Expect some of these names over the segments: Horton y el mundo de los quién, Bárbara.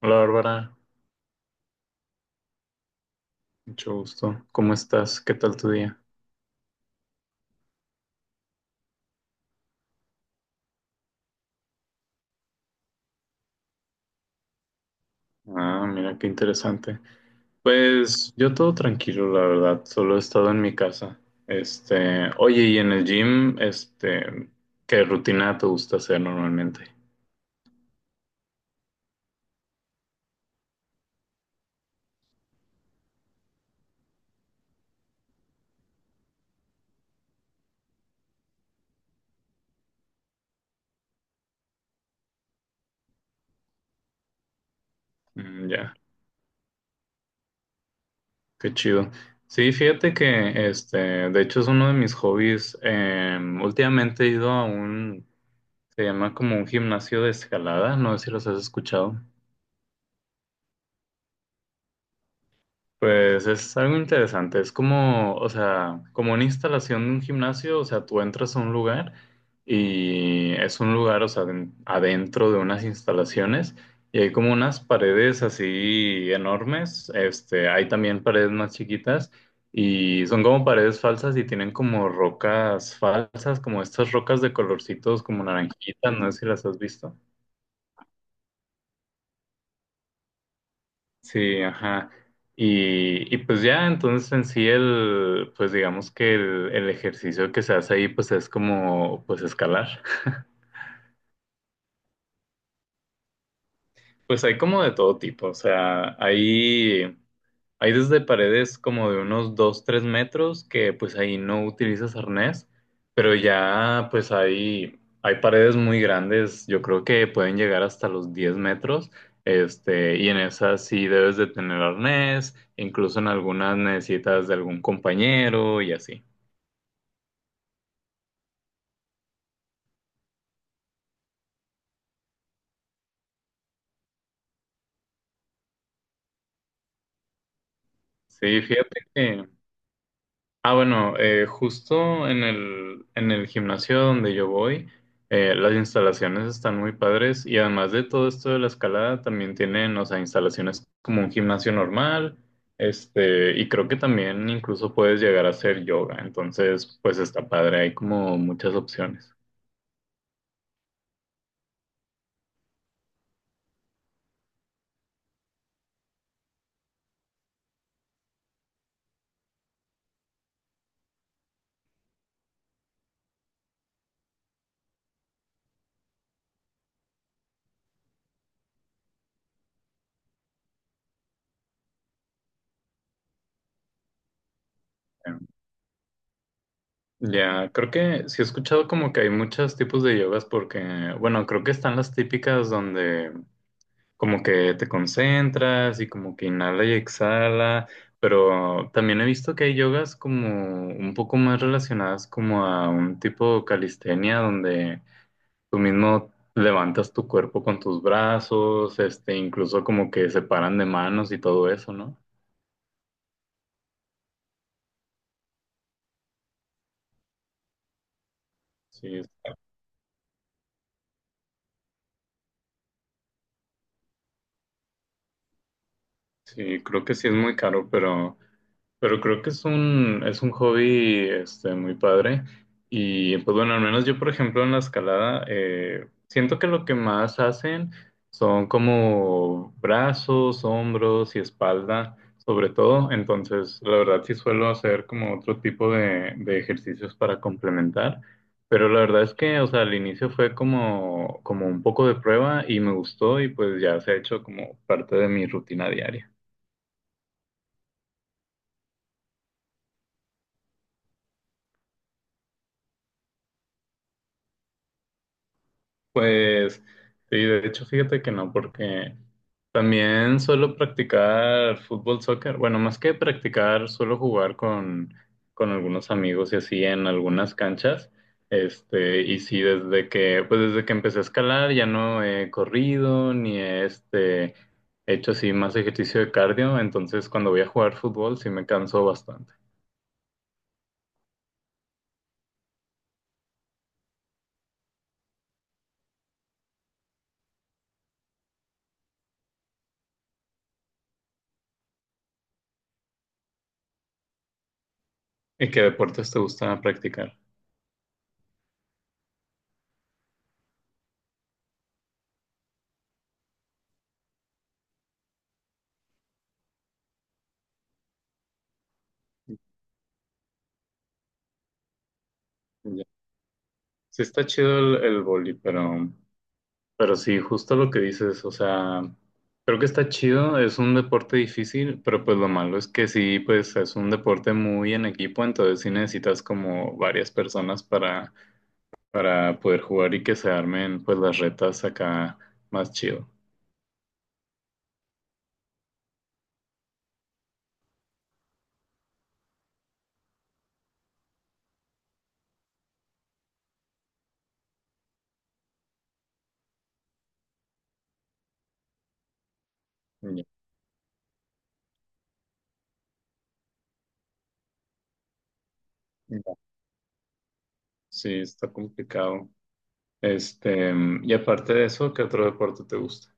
Hola Bárbara, mucho gusto. ¿Cómo estás? ¿Qué tal tu día? Ah, mira qué interesante. Pues yo todo tranquilo, la verdad. Solo he estado en mi casa. Oye, y en el gym, ¿qué rutina te gusta hacer normalmente? Mm, ya, qué chido. Sí, fíjate que, de hecho es uno de mis hobbies. Últimamente he ido a un, se llama como un gimnasio de escalada. No sé si los has escuchado. Pues es algo interesante, es como, o sea, como una instalación de un gimnasio, o sea, tú entras a un lugar y es un lugar, o sea, adentro de unas instalaciones y hay como unas paredes así enormes, hay también paredes más chiquitas y son como paredes falsas y tienen como rocas falsas, como estas rocas de colorcitos como naranjitas, no sé si las has visto. Sí, ajá. Y pues ya, entonces en sí pues digamos que el ejercicio que se hace ahí pues es como pues escalar. Pues hay como de todo tipo, o sea, hay desde paredes como de unos 2 3 metros que pues ahí no utilizas arnés, pero ya pues hay paredes muy grandes, yo creo que pueden llegar hasta los 10 metros, y en esas sí debes de tener arnés, incluso en algunas necesitas de algún compañero y así. Sí, fíjate que. Ah, bueno, justo en el gimnasio donde yo voy, las instalaciones están muy padres y además de todo esto de la escalada, también tienen, o sea, instalaciones como un gimnasio normal, y creo que también incluso puedes llegar a hacer yoga, entonces, pues está padre, hay como muchas opciones. Em, Ya, creo que sí he escuchado como que hay muchos tipos de yogas porque, bueno, creo que están las típicas donde como que te concentras y como que inhala y exhala, pero también he visto que hay yogas como un poco más relacionadas como a un tipo de calistenia donde tú mismo levantas tu cuerpo con tus brazos, incluso como que se paran de manos y todo eso, ¿no? Sí, sí, creo que sí es muy caro, pero. Pero creo que es un hobby muy padre. Y pues bueno, al menos yo, por ejemplo, en la escalada, siento que lo que más hacen son como brazos, hombros y espalda, sobre todo. Entonces, la verdad sí suelo hacer como otro tipo de ejercicios para complementar. Pero la verdad es que, o sea, al inicio fue como un poco de prueba y me gustó y pues ya se ha hecho como parte de mi rutina diaria. Pues sí, de hecho fíjate que no, porque también suelo practicar fútbol, soccer. Bueno, más que practicar, suelo jugar con algunos amigos y así en algunas canchas. Y sí, desde que empecé a escalar ya no he corrido ni he hecho así más ejercicio de cardio. Entonces cuando voy a jugar fútbol sí me canso bastante. ¿Y qué deportes te gusta practicar? Ya. Sí está chido el vóley, pero. Pero sí, justo lo que dices, o sea, creo que está chido, es un deporte difícil, pero pues lo malo es que sí, pues es un deporte muy en equipo, entonces sí necesitas como varias personas para poder jugar y que se armen pues las retas acá más chido. Ya, ya. Sí, está complicado. Este, y aparte de eso, ¿qué otro deporte te gusta?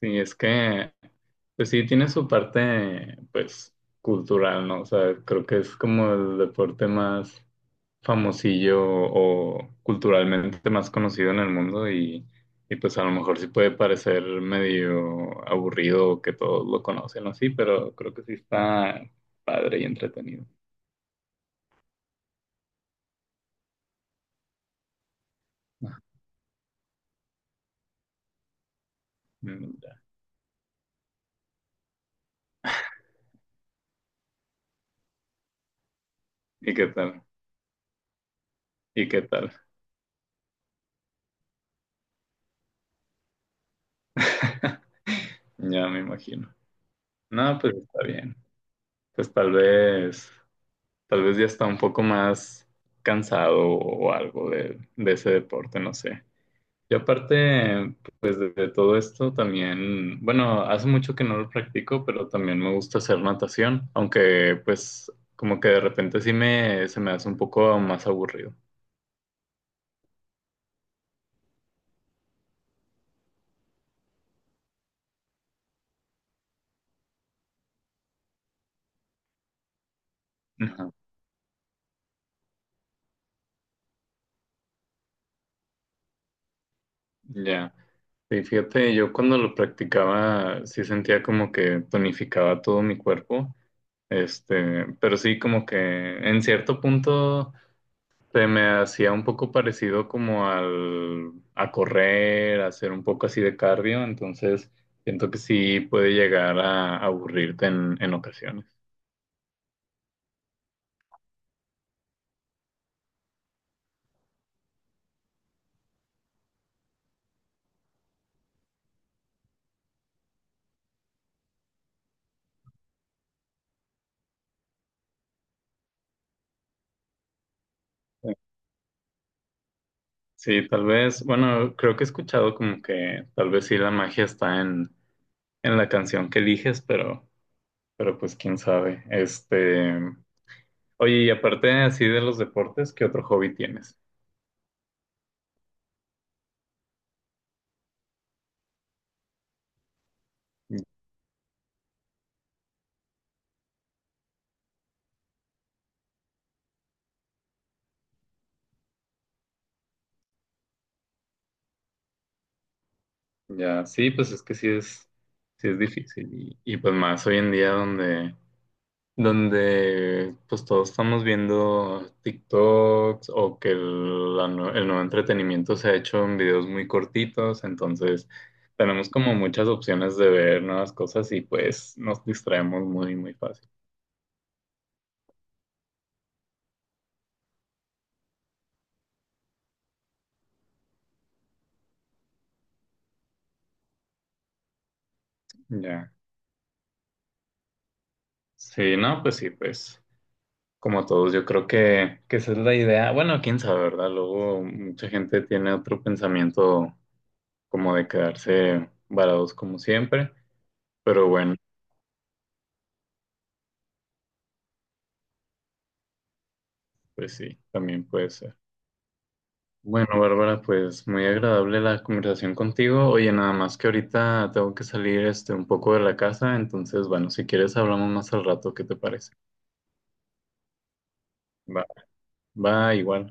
Sí, es que, pues sí, tiene su parte, pues, cultural, ¿no? O sea, creo que es como el deporte más famosillo o culturalmente más conocido en el mundo y pues a lo mejor sí puede parecer medio aburrido o que todos lo conocen o así, pero creo que sí está padre y entretenido. Ah, mm, ya. ¿Y qué tal? ¿Y qué tal? Ya me imagino. No, pues está bien. Pues tal vez. Tal vez ya está un poco más cansado o algo de ese deporte, no sé. Y aparte, pues de todo esto también, bueno, hace mucho que no lo practico, pero también me gusta hacer natación, aunque pues como que de repente se me hace un poco más aburrido. Ajá. Ya. Sí, fíjate, yo cuando lo practicaba sí sentía como que tonificaba todo mi cuerpo, pero sí como que en cierto punto se me hacía un poco parecido como a correr, a hacer un poco así de cardio, entonces siento que sí puede llegar a aburrirte en ocasiones. Sí, tal vez, bueno, creo que he escuchado como que tal vez sí la magia está en la canción que eliges, pero pues quién sabe. Oye, y aparte así de los deportes, ¿qué otro hobby tienes? Ya, sí, pues es que sí es difícil y pues más hoy en día donde pues todos estamos viendo TikToks o que el nuevo entretenimiento se ha hecho en videos muy cortitos, entonces tenemos como muchas opciones de ver nuevas cosas y pues nos distraemos muy, muy fácil. Ya. Sí, no, pues sí, pues como todos, yo creo que esa es la idea. Bueno, quién sabe, ¿verdad? Luego mucha gente tiene otro pensamiento como de quedarse varados como siempre, pero bueno, pues sí, también puede ser. Bueno, Bárbara, pues muy agradable la conversación contigo. Oye, nada más que ahorita tengo que salir un poco de la casa, entonces, bueno, si quieres hablamos más al rato, ¿qué te parece? Va, va igual.